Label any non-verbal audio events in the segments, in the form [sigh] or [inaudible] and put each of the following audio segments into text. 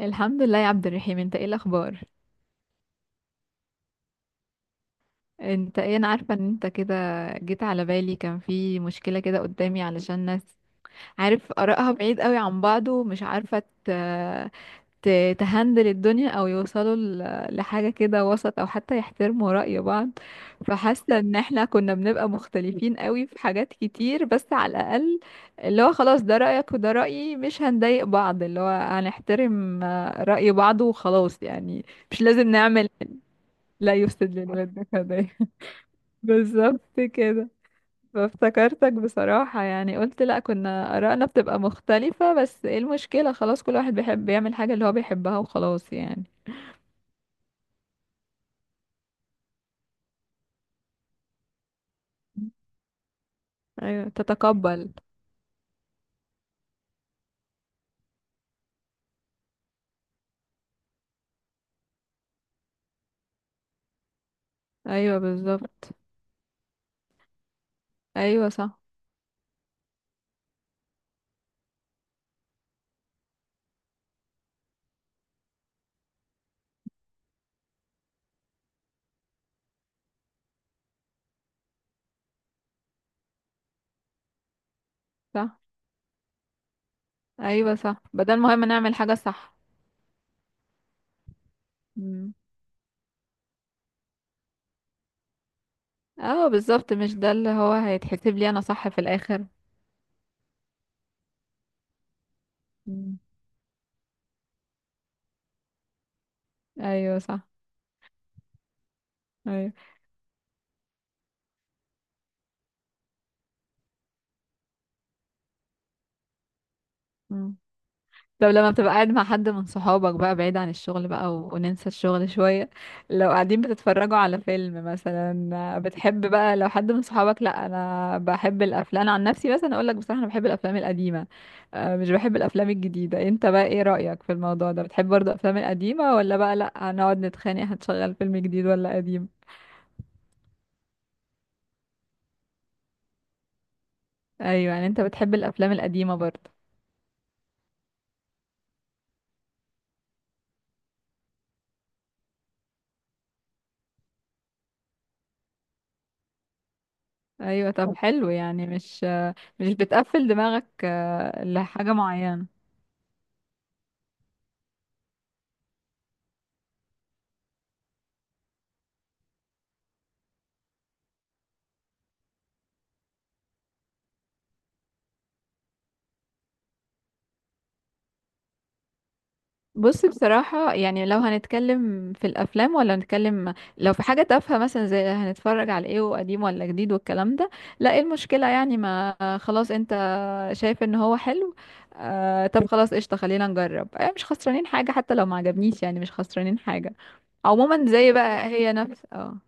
الحمد لله يا عبد الرحيم، انت ايه الاخبار؟ انت ايه، انا عارفه ان انت كده جيت على بالي. كان في مشكله كده قدامي علشان ناس عارف ارائها بعيد قوي عن بعض ومش عارفه ت- تهندل الدنيا او يوصلوا لحاجه كده وسط او حتى يحترموا رأي بعض. فحاسه ان احنا كنا بنبقى مختلفين قوي في حاجات كتير، بس على الاقل اللي هو خلاص ده رأيك وده رأيي، مش هنضايق بعض، اللي هو هنحترم رأي بعض وخلاص يعني. مش لازم نعمل. لا يفسد للود قضية. [laughs] بالظبط كده. فافتكرتك بصراحة يعني، قلت لا كنا آرائنا بتبقى مختلفة، بس ايه المشكلة؟ خلاص كل واحد بيحب يعمل حاجة اللي هو بيحبها وخلاص يعني. ايوه تتقبل. ايوه بالظبط. ايوه صح. صح. ايوه صح، بدل مهم نعمل حاجة، صح. مم. اه بالظبط، مش ده اللي هو هيتحسب لي انا صح في الاخر؟ مم. ايوه صح. ايوه. مم. طب لما بتبقى قاعد مع حد من صحابك بقى بعيد عن الشغل بقى وننسى الشغل شوية، لو قاعدين بتتفرجوا على فيلم مثلا، بتحب بقى لو حد من صحابك؟ لا انا بحب الافلام، انا عن نفسي مثلا اقول لك بصراحة انا بحب الافلام القديمة، مش بحب الافلام الجديدة. انت بقى ايه رأيك في الموضوع ده؟ بتحب برضه الافلام القديمة، ولا بقى لا هنقعد نتخانق هتشغل فيلم جديد ولا قديم؟ ايوه يعني انت بتحب الافلام القديمة برضه. ايوه طب حلو يعني، مش بتقفل دماغك لحاجة معينة. بص بصراحة يعني، لو هنتكلم في الأفلام، ولا هنتكلم لو في حاجة تافهة مثلا زي هنتفرج على ايه وقديم ولا جديد والكلام ده، لا ايه المشكلة يعني؟ ما خلاص انت شايف ان هو حلو، آه طب خلاص قشطة خلينا نجرب، آه مش خسرانين حاجة، حتى لو ما عجبنيش يعني مش خسرانين حاجة. عموما زي بقى هي نفس اه.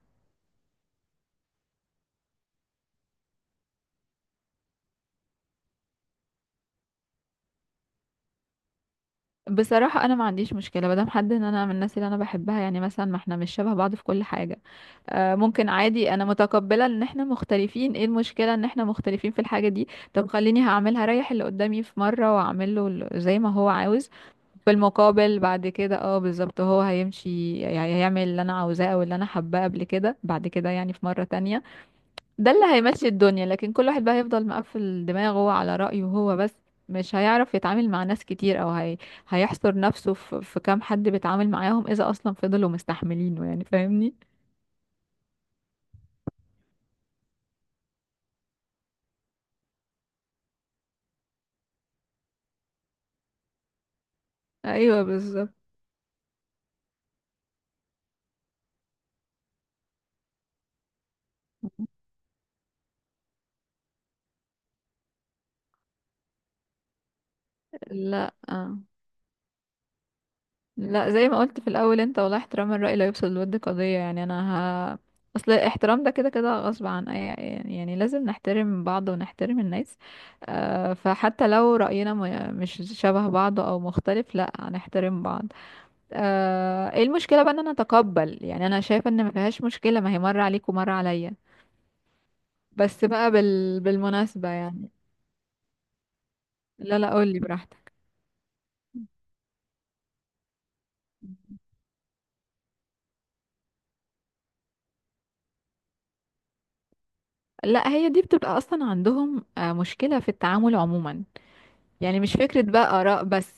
بصراحة انا ما عنديش مشكلة مادام حد ان انا من الناس اللي انا بحبها، يعني مثلا، ما احنا مش شبه بعض في كل حاجة، ممكن عادي، انا متقبلة ان احنا مختلفين. ايه المشكلة ان احنا مختلفين في الحاجة دي؟ طب خليني هعملها، ريح اللي قدامي في مرة واعمل له زي ما هو عاوز. في المقابل بعد كده، اه بالظبط، هو هيمشي يعني، هيعمل اللي انا عاوزاه او اللي انا حباه قبل كده بعد كده يعني في مرة تانية. ده اللي هيمشي الدنيا، لكن كل واحد بقى هيفضل مقفل دماغه على رأيه هو بس، مش هيعرف يتعامل مع ناس كتير، هيحصر نفسه في كام حد بيتعامل معاهم، اذا اصلا فضلوا مستحملينه، يعني فاهمني؟ ايوه بالظبط. لا آه. لا زي ما قلت في الاول، انت والله احترام الرأي لا يفسد للود قضية يعني. اصل الاحترام ده كده كده غصب عن اي، يعني يعني لازم نحترم بعض ونحترم الناس. آه فحتى لو رأينا مش شبه بعض او مختلف، لا هنحترم بعض. آه ايه المشكلة بقى ان انا اتقبل؟ يعني انا شايفة ان ما فيهاش مشكلة، ما هي مرة عليك ومرة عليا. بس بقى بالمناسبة يعني. لا لا قولي براحتك. لا هي دي بتبقى اصلا عندهم مشكلة في التعامل عموما. يعني مش فكرة بقى آراء بس.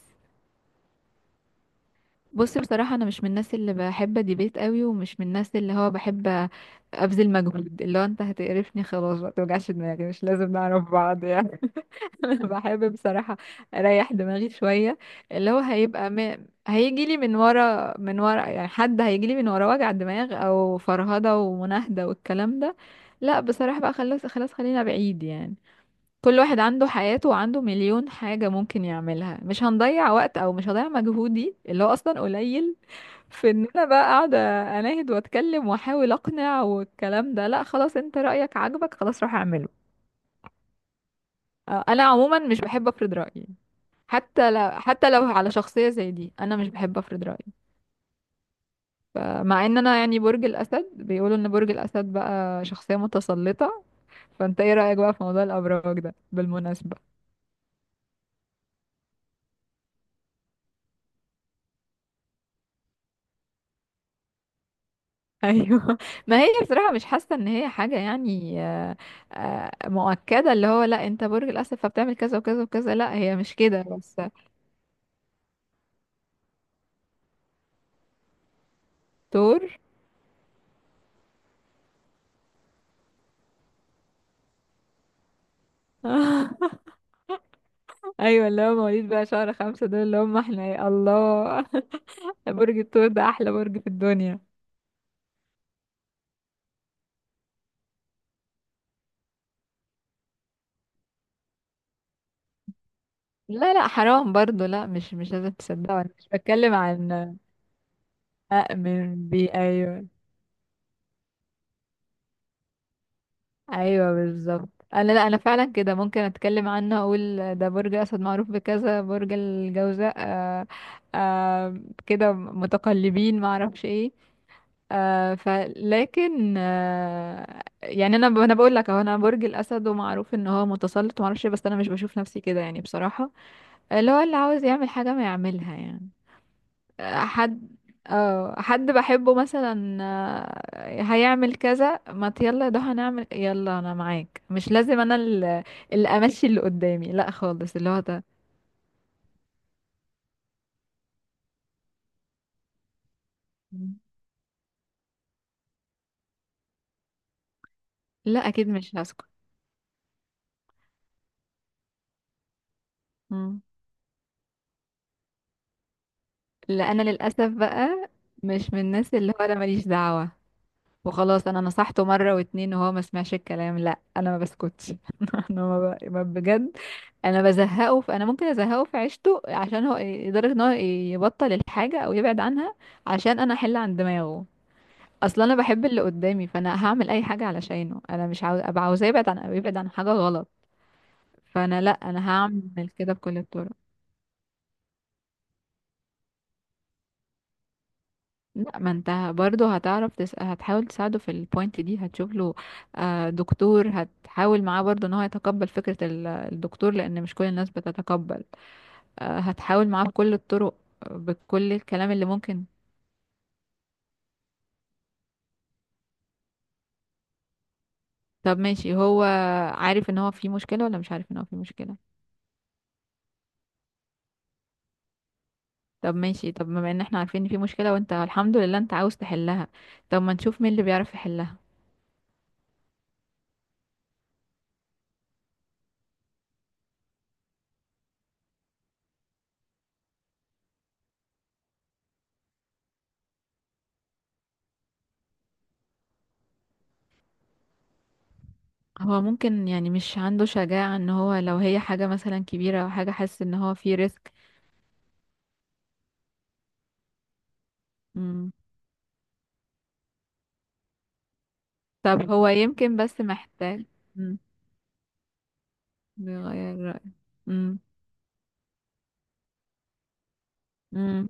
بص بصراحة، أنا مش من الناس اللي بحب ديبيت قوي، ومش من الناس اللي هو بحب أبذل مجهود، اللي هو أنت هتقرفني خلاص، ما توجعش دماغي، مش لازم نعرف بعض يعني. [laughs] أنا بحب بصراحة أريح دماغي شوية. اللي هو هيجي لي من ورا من ورا يعني. حد هيجي لي من ورا وجع دماغ أو فرهدة ومناهدة والكلام ده، لا بصراحة بقى خلاص خلاص خلينا بعيد يعني. كل واحد عنده حياته وعنده مليون حاجة ممكن يعملها، مش هنضيع وقت، او مش هضيع مجهودي اللي هو اصلا قليل [laughs] في ان انا بقى قاعدة اناهد واتكلم واحاول اقنع والكلام ده. لا خلاص، انت رأيك عاجبك خلاص روح اعمله. انا عموما مش بحب افرض رأيي. حتى لو على شخصية زي دي انا مش بحب افرض رأيي. فمع ان انا يعني برج الاسد، بيقولوا ان برج الاسد بقى شخصية متسلطة. فانت ايه رأيك بقى في موضوع الابراج ده بالمناسبة؟ ايوه [laughs] ما هي بصراحه مش حاسه ان هي حاجه يعني، مؤكده اللي هو لا انت برج الاسد فبتعمل كذا وكذا وكذا، لا هي مش كده بس. دكتور. [laughs] ايوه، اللي هو مواليد بقى شهر خمسة دول اللي هم احنا، يا الله. [laughs] برج الثور ده احلى برج في الدنيا. لا لا حرام برضو، لا مش مش لازم تصدقوا، انا مش بتكلم عن من بي، ايوه. ايوه بالظبط، انا لا انا فعلا كده، ممكن اتكلم عنه اقول ده برج اسد معروف بكذا، برج الجوزاء آه آه كده متقلبين ما اعرفش ايه. آه فلكن آه يعني انا بقول لك اهو، انا برج الاسد ومعروف ان هو متسلط وما اعرفش بس انا مش بشوف نفسي كده يعني بصراحه. اللي هو اللي عاوز يعمل حاجه ما يعملها يعني. حد، اه حد بحبه مثلا هيعمل كذا، ما ت- يلا ده هنعمل، يلا انا معاك، مش لازم انا اللي, اللي امشي اللي قدامي، لا خالص، اللي هو ده. مم. لا اكيد مش هسكت. مم. لا انا للاسف بقى مش من الناس اللي هو انا ماليش دعوة وخلاص. انا نصحته مرة واتنين وهو ما سمعش الكلام، لا انا ما بسكتش. [laughs] انا ما ب... ما بجد انا بزهقه، فانا ممكن ازهقه في عيشته عشان هو، لدرجه ان هو يبطل الحاجه او يبعد عنها، عشان انا احل عن دماغه. اصلا انا بحب اللي قدامي، فانا هعمل اي حاجه علشانه، انا مش عاوز ابقى، عاوزاه يبعد عن أو يبعد عن حاجه غلط. فانا لا انا هعمل كده بكل الطرق. لا ما انت برضه هتعرف هتحاول تساعده في البوينت دي، هتشوف له دكتور، هتحاول معاه برضه ان هو يتقبل فكره الدكتور، لان مش كل الناس بتتقبل. هتحاول معاه بكل الطرق، بكل الكلام اللي ممكن. طب ماشي، هو عارف ان هو في مشكلة ولا مش عارف ان هو في مشكلة؟ طب ماشي، طب بما ان احنا عارفين ان في مشكلة وانت الحمد لله انت عاوز تحلها، طب ما نشوف مين اللي بيعرف يحلها. هو ممكن يعني مش عنده شجاعة، ان هو لو هي حاجة مثلا كبيرة او حاجة حاسس ان هو في ريسك. مم. طب هو يمكن بس محتاج. مم. بيغير رأيه. مم. مم.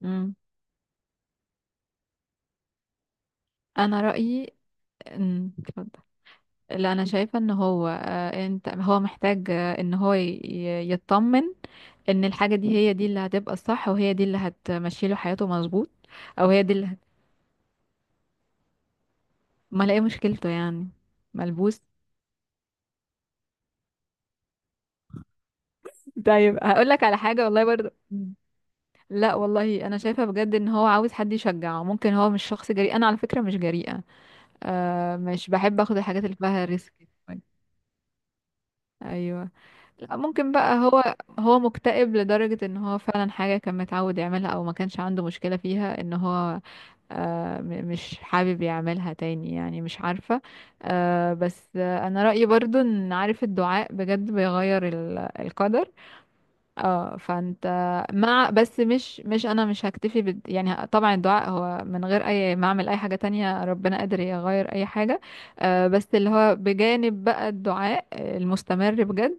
مم. انا رأيي. مم. اتفضل. لا انا شايفه ان هو انت هو محتاج ان هو يطمن ان الحاجه دي هي دي اللي هتبقى الصح وهي دي اللي هتمشي له حياته مظبوط. او هي دي اللي هت... ما الاقي مشكلته يعني. ملبوس. طيب هقول لك على حاجه والله برضه، لا والله انا شايفه بجد ان هو عاوز حد يشجعه، ممكن هو مش شخص جريء، انا على فكره مش جريئه، آه مش بحب اخد الحاجات اللي فيها ريسك. ايوه. لا ممكن بقى هو، هو مكتئب لدرجة ان هو فعلا حاجة كان متعود يعملها او ما كانش عنده مشكلة فيها ان هو مش حابب يعملها تاني يعني مش عارفة. آه، بس آه، انا رأيي برضو ان، عارف الدعاء بجد بيغير القدر. اه فانت، مع بس مش مش انا مش هكتفي بد يعني، طبعا الدعاء هو، من غير اي ما اعمل اي حاجة تانية ربنا قادر يغير اي حاجة. بس اللي هو بجانب بقى الدعاء المستمر بجد،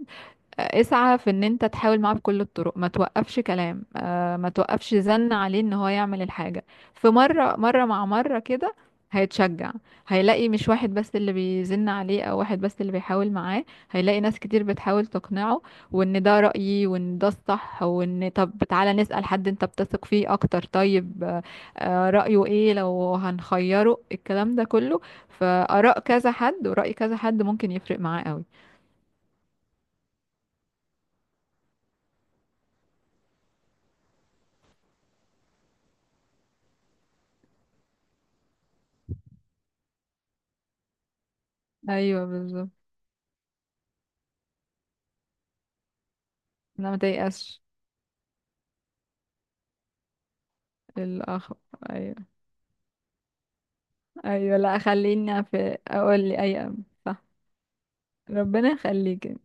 اسعى في ان انت تحاول معاه بكل الطرق، ما توقفش كلام، ما توقفش زن عليه ان هو يعمل الحاجة في مرة مرة مع مرة كده، هيتشجع. هيلاقي مش واحد بس اللي بيزن عليه او واحد بس اللي بيحاول معاه، هيلاقي ناس كتير بتحاول تقنعه، وان ده رأيي وان ده الصح، وان طب تعالى نسأل حد انت بتثق فيه اكتر، طيب رأيه ايه، لو هنخيره الكلام ده كله، فآراء كذا حد ورأي كذا حد ممكن يفرق معاه قوي. ايوه بالظبط. لا ما تيأسش. الأخ. أيوة. أيوة لا خليني في أقول لي أي أم. صح. ربنا يخليك.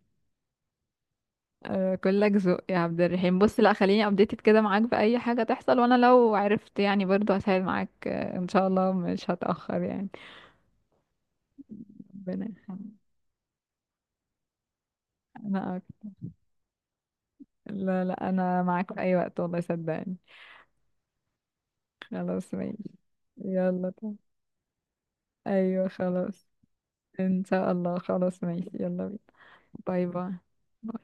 كلك ذوق يا عبد الرحيم. بص لا خليني ابديتد كده معاك بأي حاجة تحصل، وأنا لو عرفت يعني برضو هساعد معاك، إن شاء الله مش هتأخر يعني. ربنا يخليك. أنا أكتر. لا لا، أنا معاك في أي وقت والله، صدقني. خلاص ماشي. يلا طيب. أيوة خلاص. إن شاء الله خلاص ماشي يلا بينا. باي باي باي.